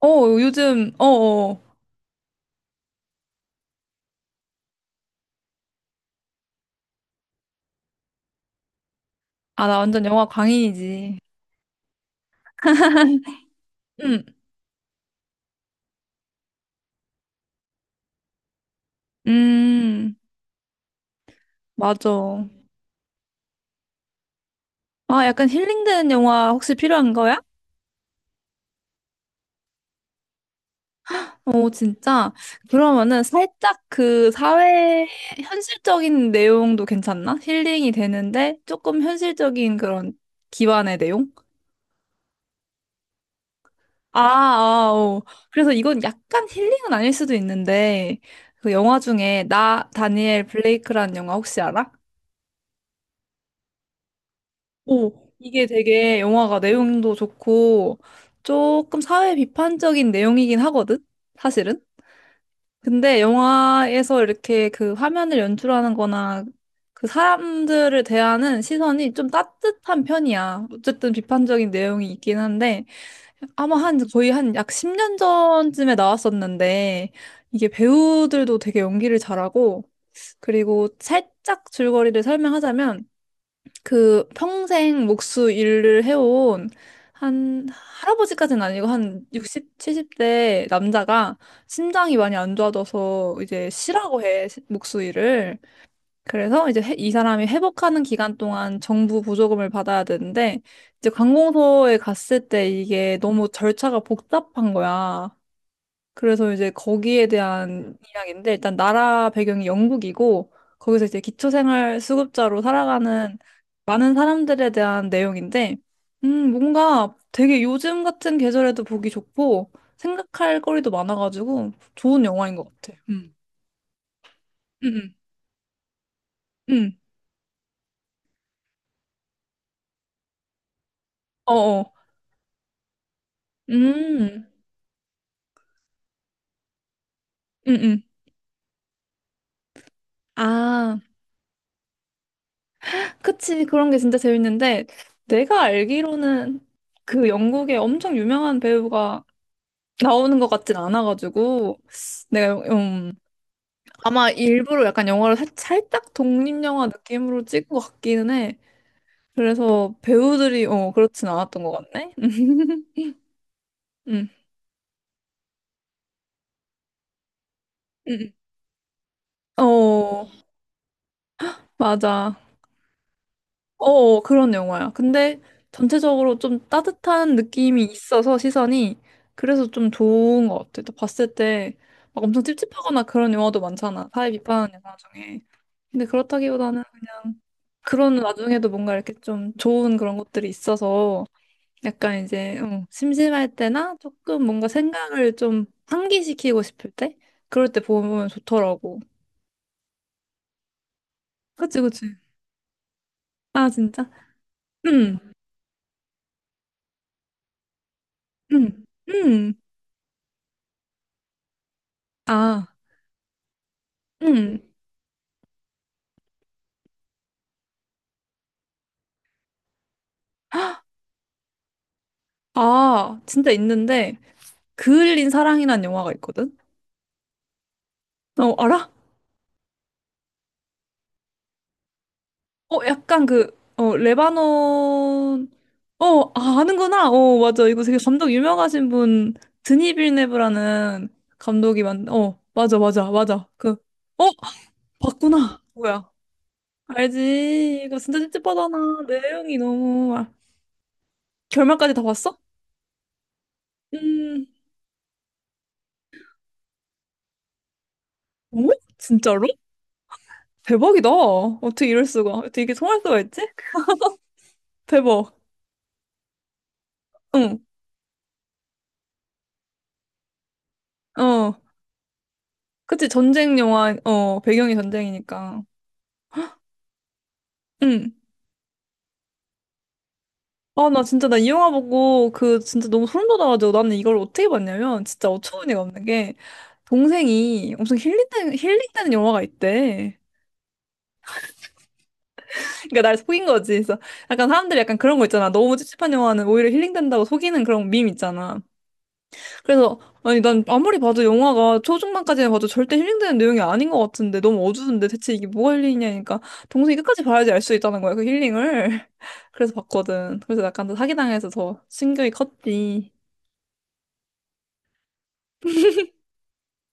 어, 요즘, 어, 어. 아, 나 완전 영화 광인이지. 음, 음, 맞아. 아, 약간 힐링되는 영화 혹시 필요한 거야? 어, 진짜? 그러면은 살짝 그 사회 현실적인 내용도 괜찮나? 힐링이 되는데 조금 현실적인 그런 기반의 내용? 아, 아, 어. 그래서 이건 약간 힐링은 아닐 수도 있는데, 그 영화 중에 나, 다니엘 블레이크라는 영화 혹시 알아? 오, 이게 되게 영화가 내용도 좋고 조금 사회 비판적인 내용이긴 하거든, 사실은. 근데 영화에서 이렇게 그 화면을 연출하는 거나 그 사람들을 대하는 시선이 좀 따뜻한 편이야. 어쨌든 비판적인 내용이 있긴 한데 아마 한 거의 한 약 10년 전쯤에 나왔었는데 이게 배우들도 되게 연기를 잘하고 그리고 살짝 줄거리를 설명하자면 그 평생 목수 일을 해온 한 할아버지까지는 아니고 한 60, 70대 남자가 심장이 많이 안 좋아져서 이제 쉬라고 해, 목수 일을. 그래서 이제 이 사람이 회복하는 기간 동안 정부 보조금을 받아야 되는데 이제 관공서에 갔을 때 이게 너무 절차가 복잡한 거야. 그래서 이제 거기에 대한 이야기인데 일단 나라 배경이 영국이고 거기서 이제 기초생활 수급자로 살아가는 많은 사람들에 대한 내용인데 뭔가 되게 요즘 같은 계절에도 보기 좋고 생각할 거리도 많아가지고 좋은 영화인 것 같아. 음. 음, 음, 음. 어어. 음, 음, 음. 아, 그치. 그런 게 진짜 재밌는데, 내가 알기로는 그 영국의 엄청 유명한 배우가 나오는 것 같진 않아가지고 내가 아마 일부러 약간 영화를 살짝 독립영화 느낌으로 찍은 것 같기는 해. 그래서 배우들이 그렇진 않았던 것 같네. 음. 음. 어 맞아. 어 어, 그런 영화야. 근데 전체적으로 좀 따뜻한 느낌이 있어서 시선이 그래서 좀 좋은 것 같아. 또 봤을 때 막 엄청 찝찝하거나 그런 영화도 많잖아. 사회 비판하는 영화 중에. 근데 그렇다기보다는 그런 와중에도 뭔가 이렇게 좀 좋은 그런 것들이 있어서 약간 이제 어, 심심할 때나 조금 뭔가 생각을 좀 환기시키고 싶을 때 그럴 때 보면 좋더라고. 그치, 그치. 아, 진짜? 음, 음, 음. 아, 음. 아, 진짜 있는데 그을린 사랑이란 영화가 있거든? 어, 알아? 어, 약간 그, 어, 레바논, 어, 아, 아는구나. 어, 맞아. 이거 되게 감독 유명하신 분, 드니 빌네브라는 감독이 만, 어, 맞아, 맞아, 맞아. 그, 어, 봤구나. 뭐야. 알지. 이거 진짜 찝찝하잖아. 내용이 너무, 아, 결말까지 다 봤어? 음, 어? 진짜로? 대박이다. 어떻게 이럴 수가. 어떻게 이게 통할 수가 있지? 대박. 응, 어. 그치, 전쟁 영화, 어, 배경이 전쟁이니까. 응. 아, 나 진짜, 나 이 영화 보고, 그, 진짜 너무 소름 돋아가지고, 나는 이걸 어떻게 봤냐면, 진짜 어처구니가 없는 게, 동생이 엄청 힐링되는, 힐링되는 영화가 있대. 그러니까 날 속인 거지. 그래서 약간 사람들이 약간 그런 거 있잖아. 너무 찝찝한 영화는 오히려 힐링된다고 속이는 그런 밈 있잖아. 그래서, 아니, 난 아무리 봐도 영화가 초중반까지는 봐도 절대 힐링되는 내용이 아닌 것 같은데, 너무 어두운데 대체 이게 뭐가 힐링이냐니까, 동생이 끝까지 봐야지 알 수 있다는 거야, 그 힐링을. 그래서 봤거든. 그래서 약간 더 사기당해서 더 충격이 컸지.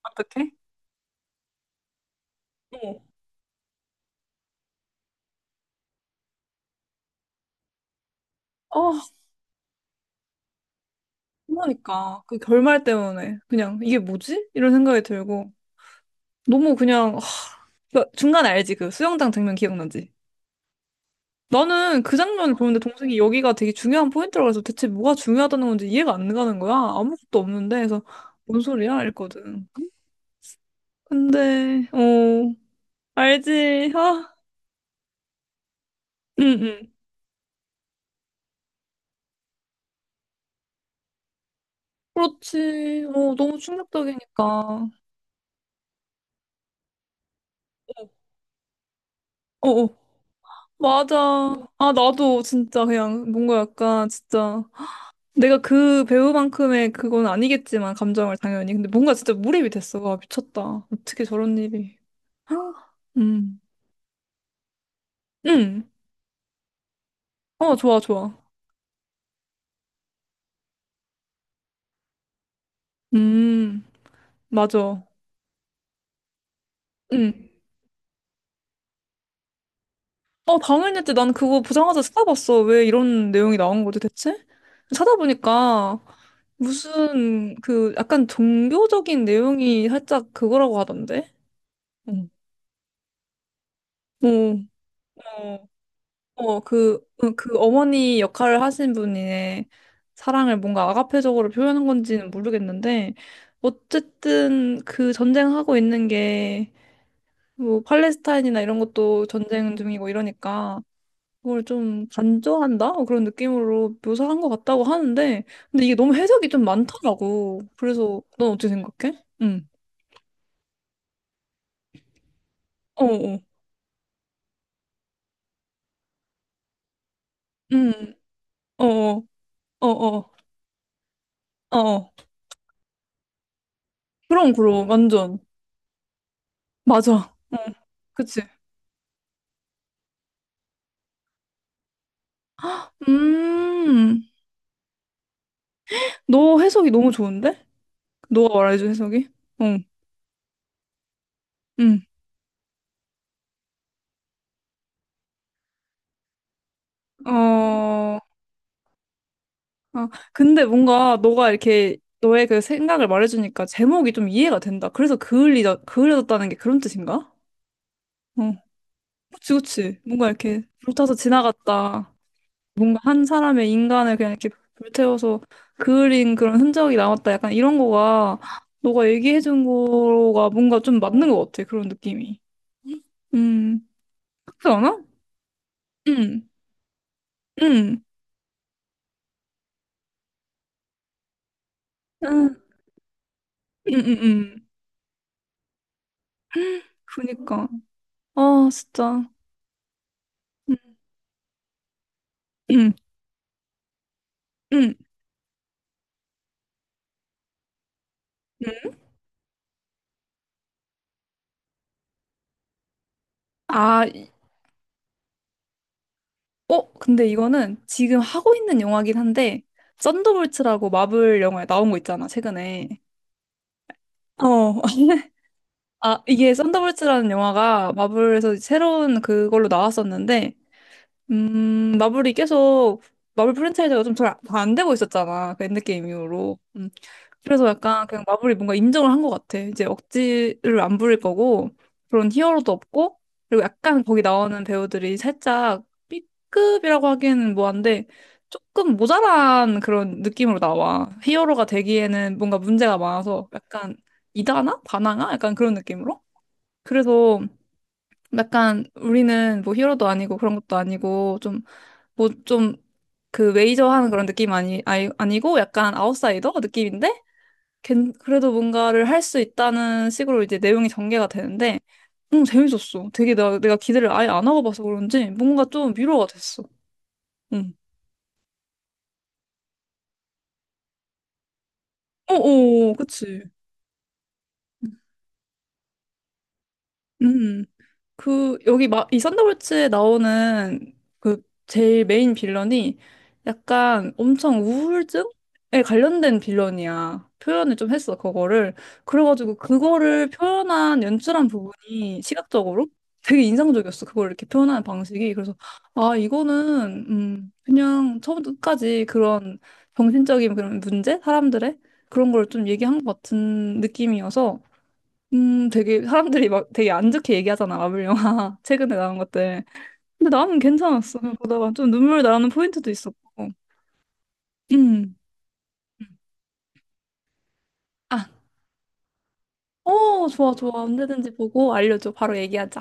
어떡해? 어. 아, 그러니까. 그 결말 때문에. 그냥, 이게 뭐지? 이런 생각이 들고. 너무 그냥, 하, 그러니까 중간에 알지? 그 수영장 장면 기억나지? 나는 그 장면을 보는데 동생이 여기가 되게 중요한 포인트라고 해서 대체 뭐가 중요하다는 건지 이해가 안 가는 거야. 아무것도 없는데. 그래서, 뭔 소리야? 이랬거든. 근데, 어, 알지? 아, 응, 응. 그렇지. 어, 너무 충격적이니까. 어, 어, 어. 맞아. 아, 나도 진짜 그냥 뭔가 약간 진짜. 내가 그 배우만큼의 그건 아니겠지만 감정을 당연히 근데 뭔가 진짜 몰입이 됐어. 와, 미쳤다. 어떻게 저런 일이. 음음어 좋아 좋아 음 맞아 음어 당연했지. 난 그거 보자마자 찾아봤어. 왜 이런 내용이 나온 거지 대체. 찾아보니까 무슨 그 약간 종교적인 내용이 살짝 그거라고 하던데 응어 어, 그, 어, 그 어머니 역할을 하신 분의 사랑을 뭔가 아가페적으로 표현한 건지는 모르겠는데, 어쨌든 그 전쟁하고 있는 게, 뭐, 팔레스타인이나 이런 것도 전쟁 중이고 이러니까, 그걸 좀 간조한다? 어, 그런 느낌으로 묘사한 것 같다고 하는데, 근데 이게 너무 해석이 좀 많더라고. 그래서, 넌 어떻게 생각해? 응. 어어. 응. 어어. 어어. 어어. 그럼, 그럼. 완전. 맞아. 응. 그치. 음, 너 해석이 너무 좋은데? 너가 말해준 해석이? 응, 응. 어, 아, 근데 뭔가 너가 이렇게 너의 그 생각을 말해주니까 제목이 좀 이해가 된다. 그래서 그을리다, 그을려졌다는 게 그런 뜻인가? 어, 그치, 그치. 뭔가 이렇게 불타서 지나갔다. 뭔가 한 사람의 인간을 그냥 이렇게 불태워서 그을린 그런 흔적이 남았다. 약간 이런 거가 너가 얘기해준 거가 뭔가 좀 맞는 것 같아. 그런 느낌이. 음, 그렇지 않아? 응. 응. 응, 응, 응, 응. 그니까. 아, 진짜. 응, 응, 응. 응. 아, 어, 근데 이거는 지금 하고 있는 영화긴 한데, 썬더볼츠라고 마블 영화에 나온 거 있잖아, 최근에. 어, 아, 이게 썬더볼츠라는 영화가 마블에서 새로운 그걸로 나왔었는데, 음, 마블이 계속, 마블 프랜차이즈가 좀 잘 안 되고 있었잖아. 그 엔드게임 이후로. 음. 그래서 약간 그냥 마블이 뭔가 인정을 한 것 같아. 이제 억지를 안 부릴 거고, 그런 히어로도 없고, 그리고 약간 거기 나오는 배우들이 살짝 B급이라고 하기에는 뭐한데, 조금 모자란 그런 느낌으로 나와. 히어로가 되기에는 뭔가 문제가 많아서 약간 이다나? 다나가? 약간 그런 느낌으로? 그래서 약간 우리는 뭐 히어로도 아니고 그런 것도 아니고 좀 뭐 좀 그 메이저 하는 그런 느낌 아니, 아니 아니고 약간 아웃사이더 느낌인데 그래도 뭔가를 할 수 있다는 식으로 이제 내용이 전개가 되는데 응 재밌었어. 되게 내가 기대를 아예 안 하고 봐서 그런지 뭔가 좀 위로가 됐어. 응. 어어 그치. 음. 그 이 썬더볼츠에 나오는 그 제일 메인 빌런이 약간 엄청 우울증에 관련된 빌런이야. 표현을 좀 했어, 그거를. 그래가지고 그거를 표현한 연출한 부분이 시각적으로 되게 인상적이었어. 그걸 이렇게 표현하는 방식이. 그래서 아, 이거는 그냥 처음부터 끝까지 그런 정신적인 그런 문제, 사람들의 그런 걸 좀 얘기한 것 같은 느낌이어서 되게 사람들이 막 되게 안 좋게 얘기하잖아, 마블 영화. 최근에 나온 것들. 근데 나는 괜찮았어. 그냥 보다가 좀 눈물 나는 포인트도 있었고. 음. 아, 어, 좋아, 좋아. 언제든지 보고 알려줘. 바로 얘기하자.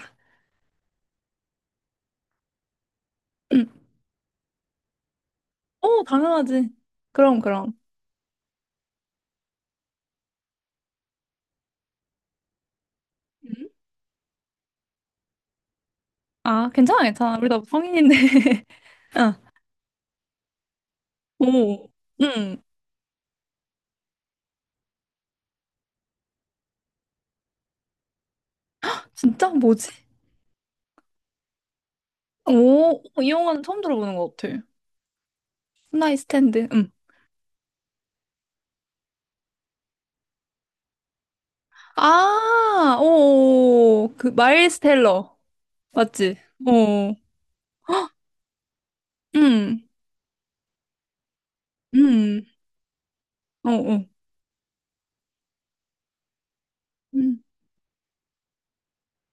음. 어, 당연하지. 그럼, 그럼. 음? 아, 괜찮아, 괜찮아. 우리 다 성인인데. 아, 오, 음. 진짜? 뭐지? 오, 어, 이 영화는 처음 들어보는 것 같아. 나이 스탠드. 음. 아, 오, 그, 마일스 텔러. 맞지? 어. 음, 음, 어, 어, 음.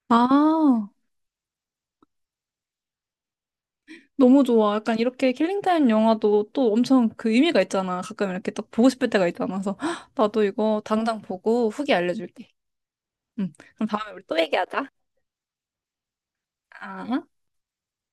아, 너무 좋아. 약간 이렇게 킬링타임 영화도 또 엄청 그 의미가 있잖아. 가끔 이렇게 딱 보고 싶을 때가 있잖아. 그래서 헉, 나도 이거 당장 보고 후기 알려줄게. 그럼 다음에 우리 또 얘기하자. 아.